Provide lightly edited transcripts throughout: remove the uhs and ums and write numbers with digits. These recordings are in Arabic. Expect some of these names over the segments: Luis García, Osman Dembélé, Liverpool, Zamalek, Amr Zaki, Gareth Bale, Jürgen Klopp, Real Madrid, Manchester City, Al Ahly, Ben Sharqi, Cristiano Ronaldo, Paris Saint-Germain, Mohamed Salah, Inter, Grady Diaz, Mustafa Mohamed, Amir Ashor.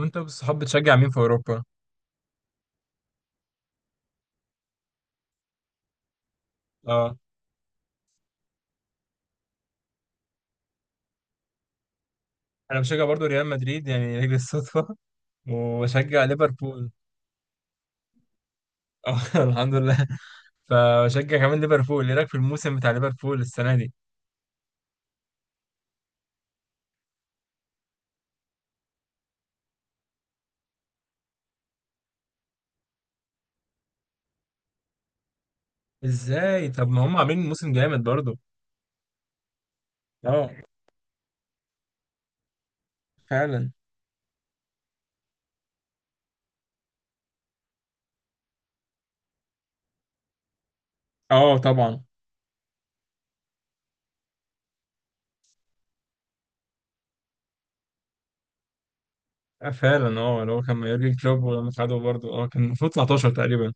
وانت والصحاب بتشجع مين في اوروبا؟ اه، انا بشجع برضو ريال مدريد يعني لاجل الصدفه وبشجع ليفربول. اه، الحمد لله. فبشجع كمان ليفربول، ايه رايك في الموسم بتاع ليفربول السنه دي؟ ازاي؟ طب ما هم عاملين موسم جامد برضو. اه، فعلا. اه، طبعا. آه، فعلا، اه اللي هو كان مع يورجن كلوب، ولما خدوا برضو اه كان المفروض 19 تقريبا.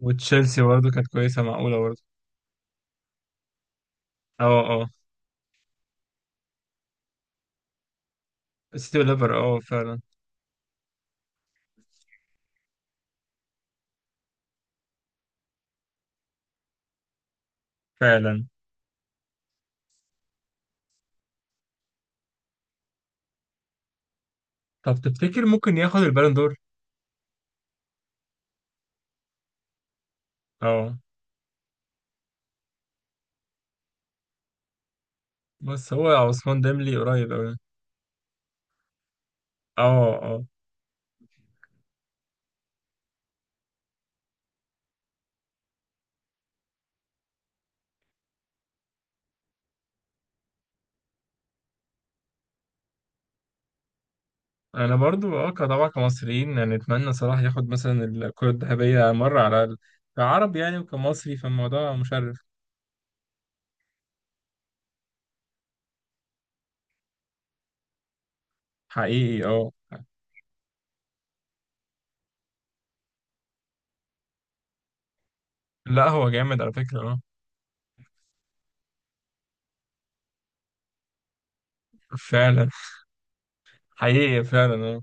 وتشيلسي برضو كانت كويسه، معقوله برضو. اه اه، السيتي وليفر، اه فعلا. فعلا. طب تفتكر ممكن ياخد البالون دور؟ اه، بس هو عثمان ديملي قريب أوي. اه اه. انا برضو اه طبعا، كمصريين يعني نتمنى صلاح ياخد مثلا الكرة الذهبية مرة على الأقل، كعرب يعني وكمصري، فالموضوع مشرف. حقيقي اه. لا، هو جامد على فكرة اه. فعلا، حقيقي، فعلا اه.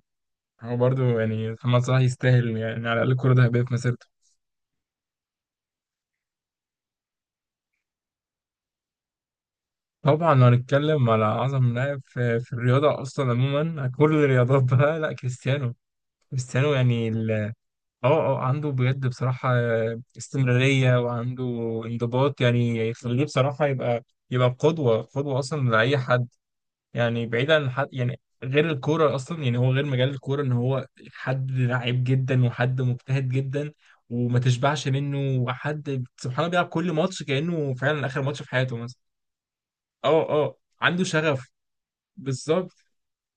هو برضو يعني محمد صلاح يستاهل يعني على الأقل كرة ذهبية في مسيرته. طبعا لو هنتكلم على أعظم لاعب في الرياضة أصلا عموما كل الرياضات بقى، لا كريستيانو، كريستيانو يعني. اه اه، عنده بجد بصراحة استمرارية، وعنده انضباط، يعني يخليه بصراحة يبقى قدوة، قدوة أصلا لأي حد. يعني بعيدا عن حد يعني، غير الكورة أصلا، يعني هو غير مجال الكورة إن هو حد لعيب جدا وحد مجتهد جدا وما تشبعش منه، وحد سبحان الله بيلعب كل ماتش كأنه فعلا آخر ماتش في حياته مثلا. اه اه، عنده شغف، بالظبط.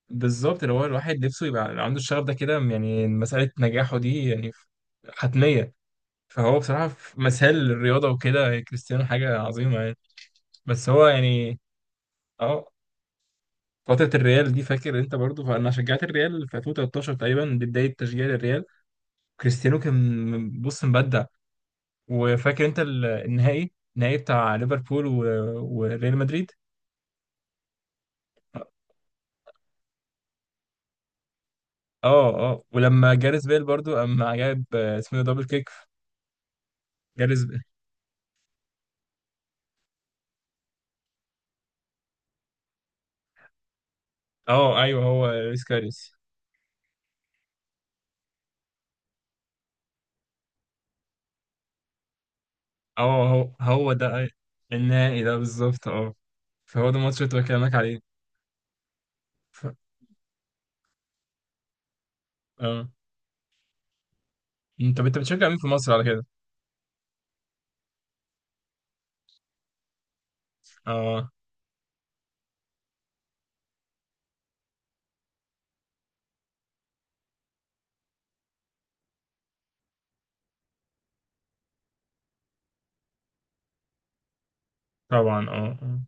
بالظبط، اللي هو الواحد نفسه يبقى عنده الشغف ده كده، يعني مسألة نجاحه دي يعني حتمية. فهو بصراحة في مثال للرياضة وكده، كريستيانو حاجة عظيمة يعني. بس هو يعني اه فترة الريال دي، فاكر انت برضو، فانا شجعت الريال في 2013 تقريبا، دي بداية تشجيع الريال. كريستيانو كان بص مبدع. وفاكر انت النهائي بتاع ليفربول و- وريال مدريد. اه اه، ولما جاريث بيل برضو اما جاب آه، اسمه إيه ده، دبل كيك في. جاريث بيل. اه ايوه، هو لويس كاريس. اه، هو هو ده النهائي ده بالظبط اه. فهو ده الماتش اللي كنت بكلمك عليه. ف... اه. مم، طب انت بتشجع مين في مصر على كده؟ اه طبعا اه آه.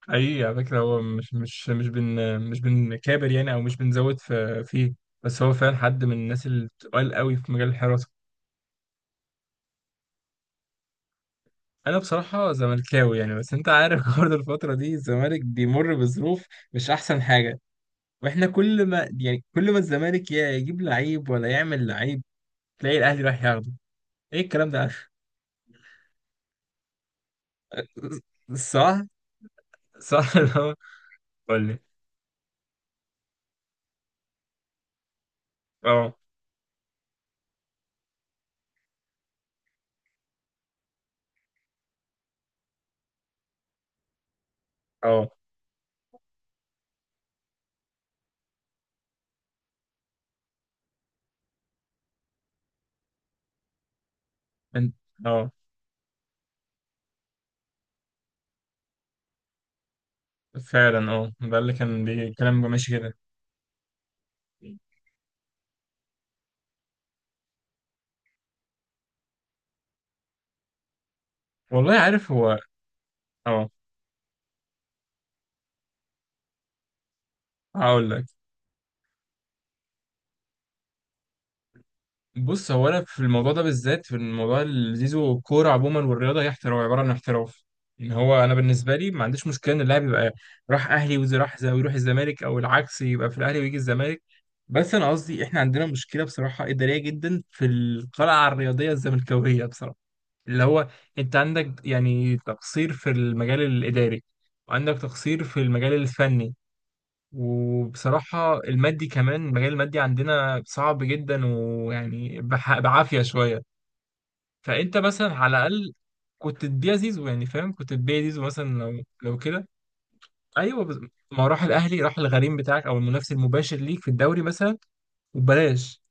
حقيقي على فكرة، هو مش بنكابر يعني او مش بنزود في فيه، بس هو فعلا حد من الناس اللي بتقال قوي في مجال الحراسة. انا بصراحة زملكاوي يعني، بس انت عارف برضه الفترة دي الزمالك بيمر بظروف مش احسن حاجة. واحنا كل ما يعني كل ما الزمالك يا يجيب لعيب ولا يعمل لعيب، تلاقي الاهلي رايح ياخده. ايه الكلام ده. صح، صح. اللي هو قول لي. اه اه. أنت- اه فعلا اه، ده اللي كان بيتكلم، ماشي كده. والله عارف هو. اه، هقول لك. بص، هو انا في الموضوع ده بالذات، في الموضوع اللي زيزو، الكوره عموما والرياضه هي احتراف، عباره عن احتراف. ان هو انا بالنسبه لي ما عنديش مشكله ان اللاعب يبقى راح اهلي، وزي راح زي ويروح الزمالك، او العكس يبقى في الاهلي ويجي الزمالك. بس انا قصدي احنا عندنا مشكله بصراحه اداريه جدا في القلعه الرياضيه الزملكاويه بصراحه، اللي هو انت عندك يعني تقصير في المجال الاداري، وعندك تقصير في المجال الفني. وبصراحة المادي كمان، المجال المادي عندنا صعب جدا، ويعني بعافية شوية. فأنت مثلا على الأقل كنت تبيع زيزو يعني، فاهم، كنت تبيع زيزو مثلا لو لو كده. أيوه ما هو راح الأهلي، راح الغريم بتاعك أو المنافس المباشر ليك في الدوري مثلا، وببلاش.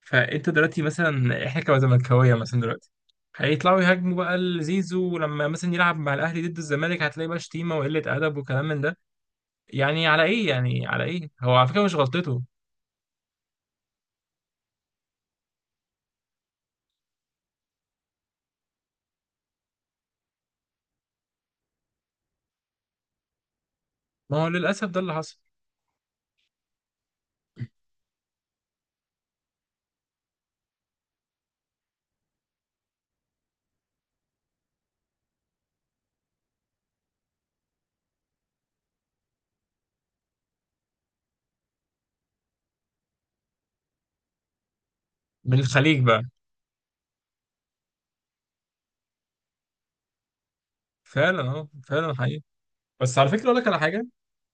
فأنت دلوقتي مثلا، إحنا كزملكاوية مثلا دلوقتي، هيطلعوا يهاجموا بقى لزيزو، ولما مثلا يلعب مع الأهلي ضد الزمالك هتلاقي بقى شتيمة وقلة أدب وكلام من ده. يعني على إيه؟ يعني على إيه؟ هو على فكرة مش غلطته. ما هو للأسف ده اللي حصل. من الخليج بقى. فعلا اه، فعلا حقيقي. بس على فكرة أقول لك على حاجة،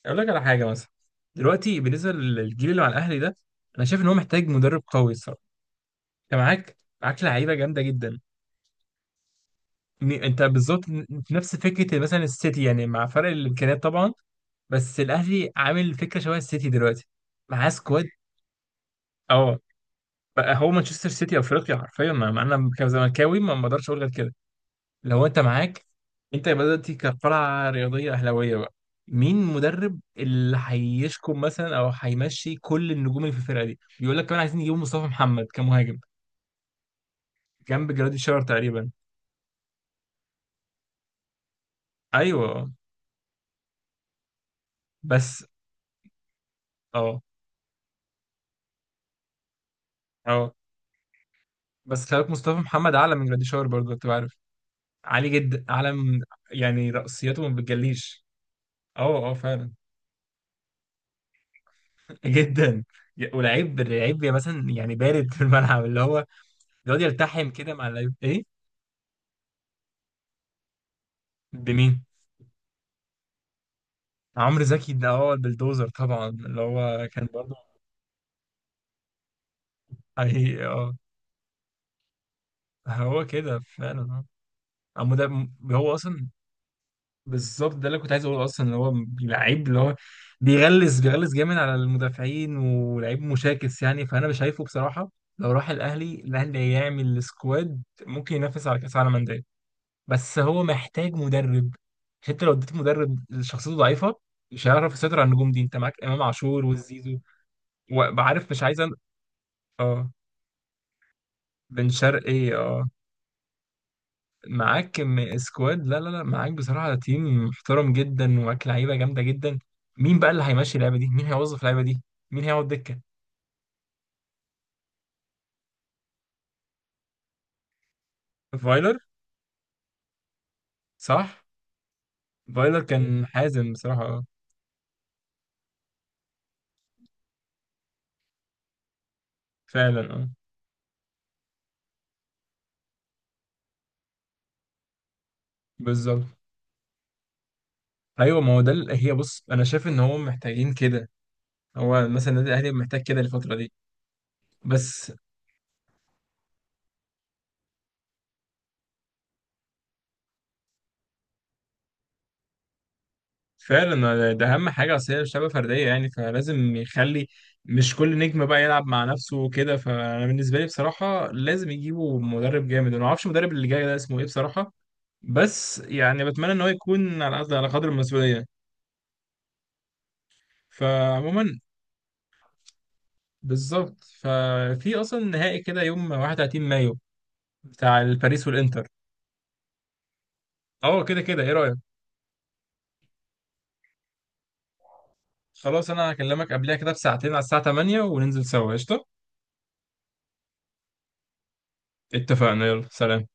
أقول لك على حاجة مثلا، دلوقتي بالنسبة للجيل اللي مع الأهلي ده، أنا شايف إن هو محتاج مدرب قوي الصراحة. أنت معاك لعيبة جامدة جدا. أنت بالظبط نفس فكرة مثلا السيتي، يعني مع فرق الإمكانيات طبعا، بس الأهلي عامل فكرة شبه السيتي دلوقتي. معاه سكواد. أه، بقى هو مانشستر سيتي أفريقيا حرفيا. ما أنا كزملكاوي ما بقدرش أقول غير كده. لو انت معاك، انت يبقى دلوقتي كقلعة رياضية أهلاوية بقى، مين مدرب اللي هيشكم مثلا او هيمشي كل النجوم اللي في الفرقة دي؟ بيقول لك كمان عايزين يجيبوا مصطفى محمد كمهاجم جنب جرادي شار تقريبا. ايوه. بس اه اه، بس خلي بالك مصطفى محمد اعلى من جرادي شار برضه، انت عارف، عالي جدا، اعلى من يعني. رأسياته ما بتجليش. اه اه فعلا. جدا. ولعيب، لعيب مثلا يعني بارد في الملعب، اللي هو بيقعد يلتحم كده مع اللعيب، ايه. بمين. عمرو زكي ده هو البلدوزر طبعا، اللي هو كان برضه. حقيقي اه، هو كده فعلا اه. أما ده، هو اصلا بالظبط ده اللي كنت عايز اقوله اصلا، اللي هو لعيب، اللي هو بيغلس، بيغلس جامد على المدافعين، ولعيب مشاكس يعني. فانا مش شايفه بصراحه، لو راح الاهلي، الاهلي هيعمل سكواد ممكن ينافس على كاس عالم انديه. بس هو محتاج مدرب، عشان انت لو اديت مدرب شخصيته ضعيفه، مش هيعرف يسيطر على النجوم دي. انت معاك امام عاشور والزيزو، وعارف، مش عايز اه، بن شرقي اه. معاك كم سكواد، لا لا لا، معاك بصراحة تيم محترم جدا، ومعاك لعيبة جامدة جدا. مين بقى اللي هيمشي اللعبة دي؟ مين هيوظف اللعبة دي؟ مين هيقعد دكة؟ فايلر. صح. فايلر كان حازم بصراحة اه. فعلا اه، بالظبط. ايوه، ما هو ده هي، بص انا شايف ان هو محتاجين كده. هو مثلا النادي الاهلي محتاج كده الفترة دي. بس فعلا ده اهم حاجه، اصل هي شبه فرديه يعني، فلازم يخلي، مش كل نجم بقى يلعب مع نفسه وكده. فانا بالنسبه لي بصراحه لازم يجيبوا مدرب جامد. انا ما اعرفش المدرب اللي جاي ده اسمه ايه بصراحه، بس يعني بتمنى ان هو يكون على قد، على قدر المسؤوليه. فعموما، بالظبط، ففي اصلا نهائي كده يوم 31 مايو بتاع الباريس والانتر. اه كده كده، ايه رايك. خلاص، انا هكلمك قبلها كده بساعتين على الساعه 8 وننزل سوا قشطه. اتفقنا، يلا سلام.